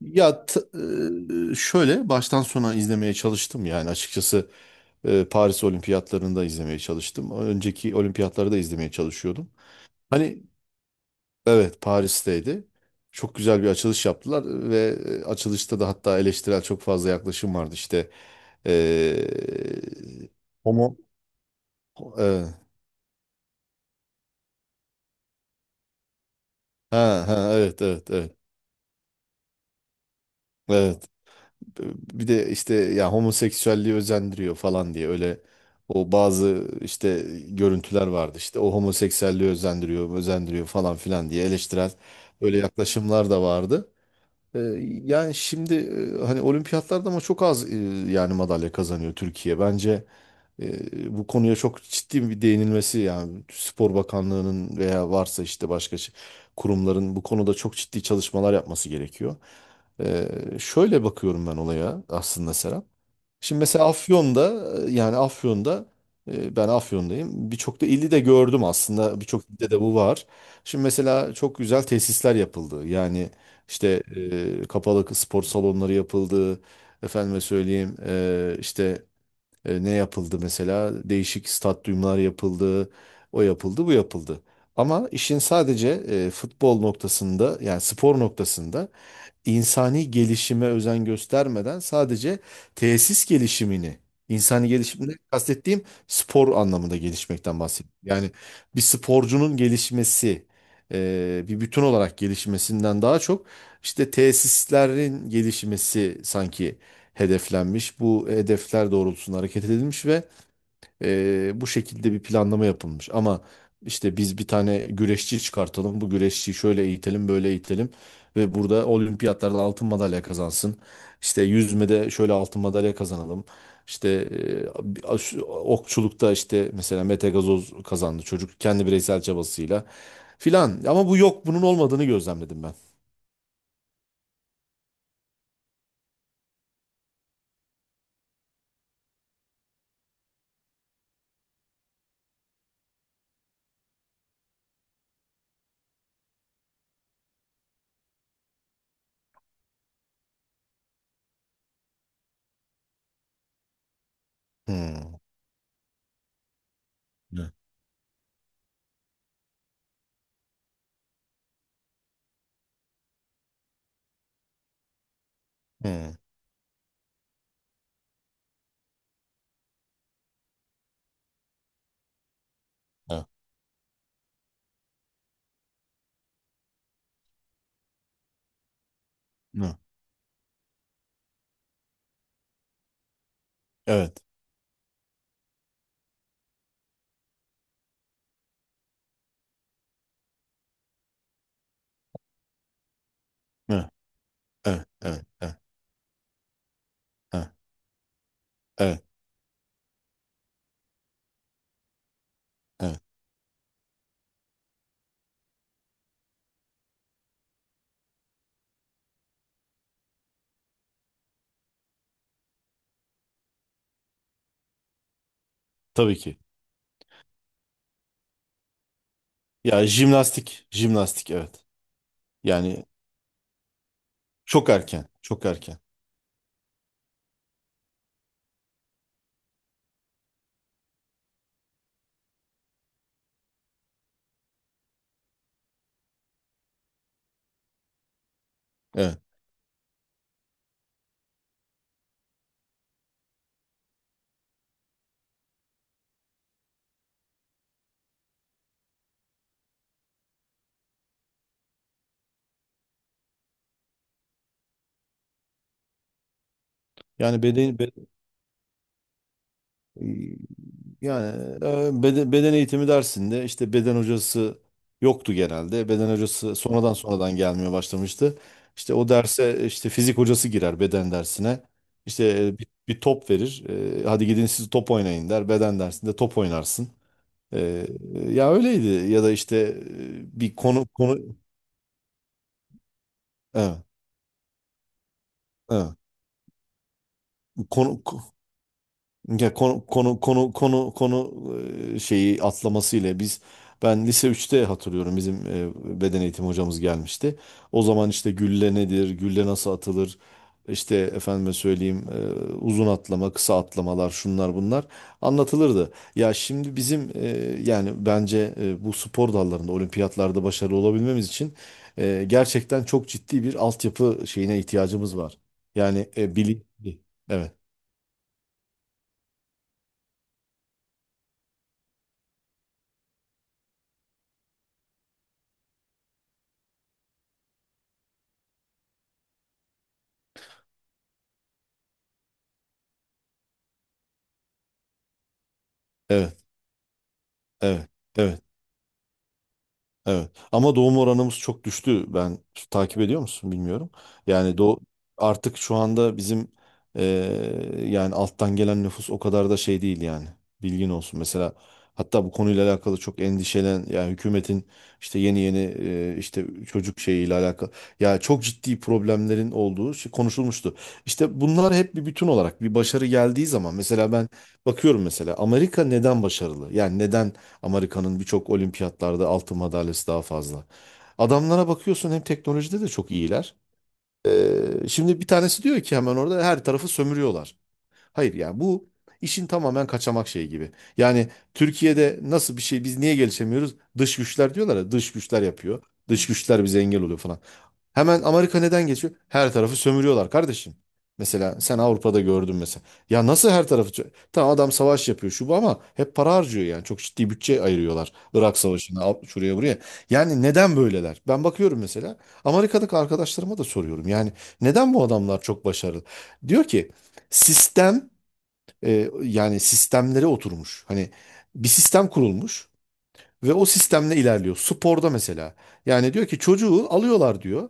Ya t- Şöyle baştan sona izlemeye çalıştım yani açıkçası. Paris Olimpiyatlarını da izlemeye çalıştım. Önceki olimpiyatları da izlemeye çalışıyordum. Hani evet, Paris'teydi. Çok güzel bir açılış yaptılar ve açılışta da hatta eleştirel çok fazla yaklaşım vardı işte. E, Homo. E, ha, ha, evet, evet, evet. Evet, bir de işte ya homoseksüelliği özendiriyor falan diye öyle, o bazı işte görüntüler vardı işte o homoseksüelliği özendiriyor falan filan diye eleştirel öyle yaklaşımlar da vardı. Ee, Yani şimdi hani olimpiyatlarda ama çok az yani madalya kazanıyor Türkiye. Bence bu konuya çok ciddi bir değinilmesi yani Spor Bakanlığı'nın veya varsa işte kurumların bu konuda çok ciddi çalışmalar yapması gerekiyor. Ee, Şöyle bakıyorum ben olaya aslında, Serap. Şimdi mesela Afyon'da, ben Afyon'dayım. Birçok da ili de gördüm aslında. Birçok ilde de bu var. Şimdi mesela çok güzel tesisler yapıldı. Yani işte kapalı spor salonları yapıldı. Efendime söyleyeyim işte ne yapıldı mesela? Değişik stadyumlar yapıldı. O yapıldı, bu yapıldı. Ama işin sadece futbol noktasında yani spor noktasında insani gelişime özen göstermeden sadece tesis gelişimini, insani gelişimde kastettiğim spor anlamında gelişmekten bahsediyorum. Yani bir sporcunun gelişmesi, bir bütün olarak gelişmesinden daha çok işte tesislerin gelişmesi sanki hedeflenmiş. Bu hedefler doğrultusunda hareket edilmiş ve bu şekilde bir planlama yapılmış. Ama işte biz bir tane güreşçi çıkartalım. Bu güreşçiyi şöyle eğitelim, böyle eğitelim. Ve burada olimpiyatlarda altın madalya kazansın. İşte yüzmede şöyle altın madalya kazanalım. İşte okçulukta işte mesela Mete Gazoz kazandı, çocuk kendi bireysel çabasıyla filan. Ama bu yok, bunun olmadığını gözlemledim ben. Hmm. Ne? Hmm. Ha. Ne? Evet. Ne? Evet. Evet. Evet. Evet. Evet. Evet. Tabii ki. Ya jimnastik, jimnastik, evet. Yani çok erken, çok erken. Evet. Yani beden be- Yani beden eğitimi dersinde işte beden hocası yoktu genelde. Beden hocası sonradan gelmeye başlamıştı. İşte o derse işte fizik hocası girer beden dersine. İşte bir top verir. Hadi gidin siz top oynayın der. Beden dersinde top oynarsın. E, Ya öyleydi ya da işte e, bir konu konu evet, evet. Konu Ya konu konu konu konu konu e, Şeyi atlamasıyla ben lise üçte hatırlıyorum, bizim beden eğitimi hocamız gelmişti. O zaman işte gülle nedir, gülle nasıl atılır, işte efendime söyleyeyim uzun atlama, kısa atlamalar, şunlar bunlar anlatılırdı. Ya şimdi bizim yani bence bu spor dallarında olimpiyatlarda başarılı olabilmemiz için gerçekten çok ciddi bir altyapı şeyine ihtiyacımız var. Yani bilinçli. Evet, evet, evet, evet. Evet. Ama doğum oranımız çok düştü. Ben, takip ediyor musun bilmiyorum. Yani do Artık şu anda bizim yani alttan gelen nüfus o kadar da şey değil yani. Bilgin olsun. Mesela, hatta bu konuyla alakalı çok endişelen, yani hükümetin işte yeni yeni işte çocuk şeyiyle alakalı ya çok ciddi problemlerin olduğu şey konuşulmuştu. İşte bunlar hep bir bütün olarak bir başarı geldiği zaman mesela ben bakıyorum, mesela Amerika neden başarılı? Yani neden Amerika'nın birçok olimpiyatlarda altın madalyası daha fazla. Adamlara bakıyorsun, hem teknolojide de çok iyiler. Şimdi bir tanesi diyor ki hemen orada her tarafı sömürüyorlar. Hayır, yani bu işin tamamen kaçamak şeyi gibi. Yani Türkiye'de nasıl bir şey, biz niye gelişemiyoruz? Dış güçler, diyorlar ya, dış güçler yapıyor. Dış güçler bize engel oluyor falan. Hemen Amerika neden geçiyor? Her tarafı sömürüyorlar kardeşim. Mesela sen Avrupa'da gördün mesela. Ya nasıl her tarafı? Sö- Tamam, adam savaş yapıyor şu bu, ama hep para harcıyor yani. Çok ciddi bütçe ayırıyorlar. Irak Savaşı'na, şuraya buraya. Yani neden böyleler? Ben bakıyorum mesela. Amerika'daki arkadaşlarıma da soruyorum. Yani neden bu adamlar çok başarılı? Diyor ki sistem yani sistemlere oturmuş. Hani bir sistem kurulmuş. Ve o sistemle ilerliyor. Sporda mesela. Yani diyor ki çocuğu alıyorlar diyor.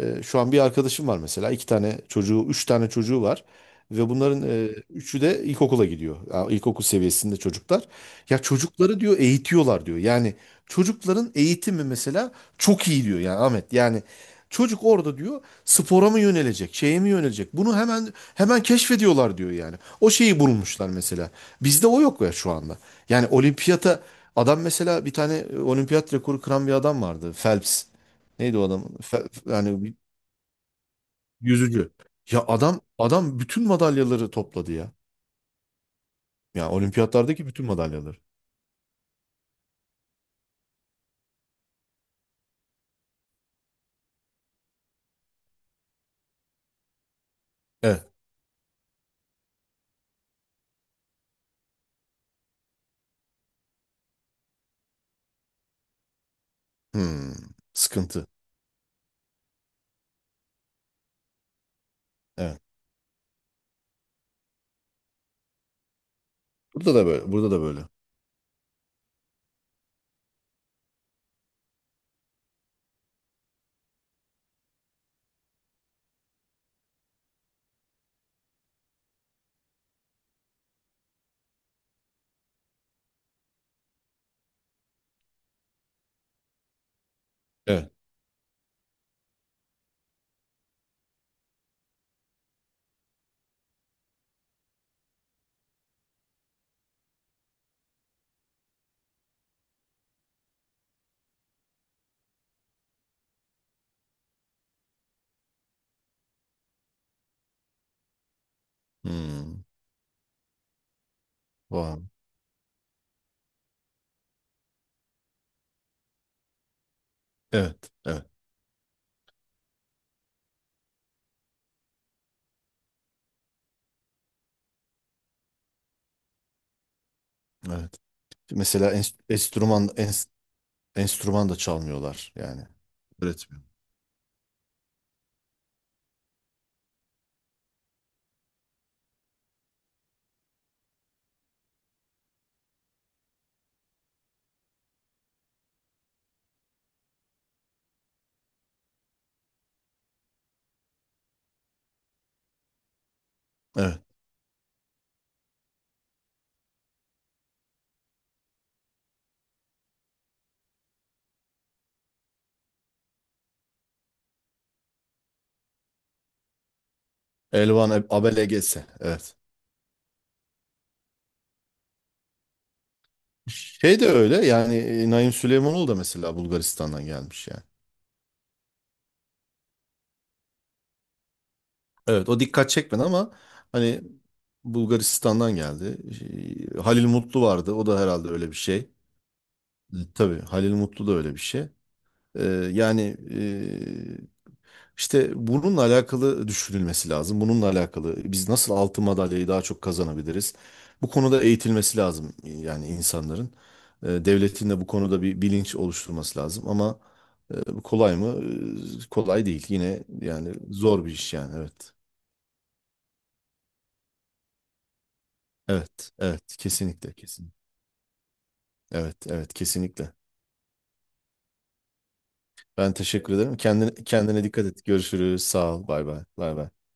Şu an bir arkadaşım var mesela. Üç tane çocuğu var. Ve bunların üçü de ilkokula gidiyor. Ya, ilkokul seviyesinde çocuklar. Ya çocukları, diyor, eğitiyorlar diyor. Yani çocukların eğitimi mesela çok iyi diyor, yani Ahmet. Yani çocuk orada diyor spora mı yönelecek, şeye mi yönelecek? Bunu hemen keşfediyorlar diyor yani. O şeyi bulmuşlar mesela. Bizde o yok ya şu anda. Yani olimpiyata Adam mesela bir tane olimpiyat rekoru kıran bir adam vardı. Phelps. Neydi o adam? Fe- yani bir Yüzücü. Ya adam bütün madalyaları topladı ya. Ya olimpiyatlardaki bütün madalyaları. Evet. Hmm. Sıkıntı. Evet. Burada da böyle. Burada da böyle. Evet. Hmm. Vay. Evet. Evet. Evet. Mesela enstrüman da çalmıyorlar yani. Öğretmiyor. Evet. Elvan Abele gelse. Evet. Şey de öyle yani Naim Süleymanoğlu da mesela Bulgaristan'dan gelmiş yani. Evet, o dikkat çekmedi ama hani Bulgaristan'dan geldi. Şey, Halil Mutlu vardı, o da herhalde öyle bir şey. Tabii Halil Mutlu da öyle bir şey. E, yani e, işte bununla alakalı düşünülmesi lazım. Bununla alakalı biz nasıl altın madalyayı daha çok kazanabiliriz? Bu konuda eğitilmesi lazım yani insanların. Devletin de bu konuda bir bilinç oluşturması lazım ama, tabii, kolay mı? Kolay değil. Yine yani zor bir iş yani. Evet. Evet. Evet. Kesinlikle. Kesin. Evet. Evet. Kesinlikle. Ben teşekkür ederim. Kendine, kendine dikkat et. Görüşürüz. Sağ ol. Bay bay. Bay bay.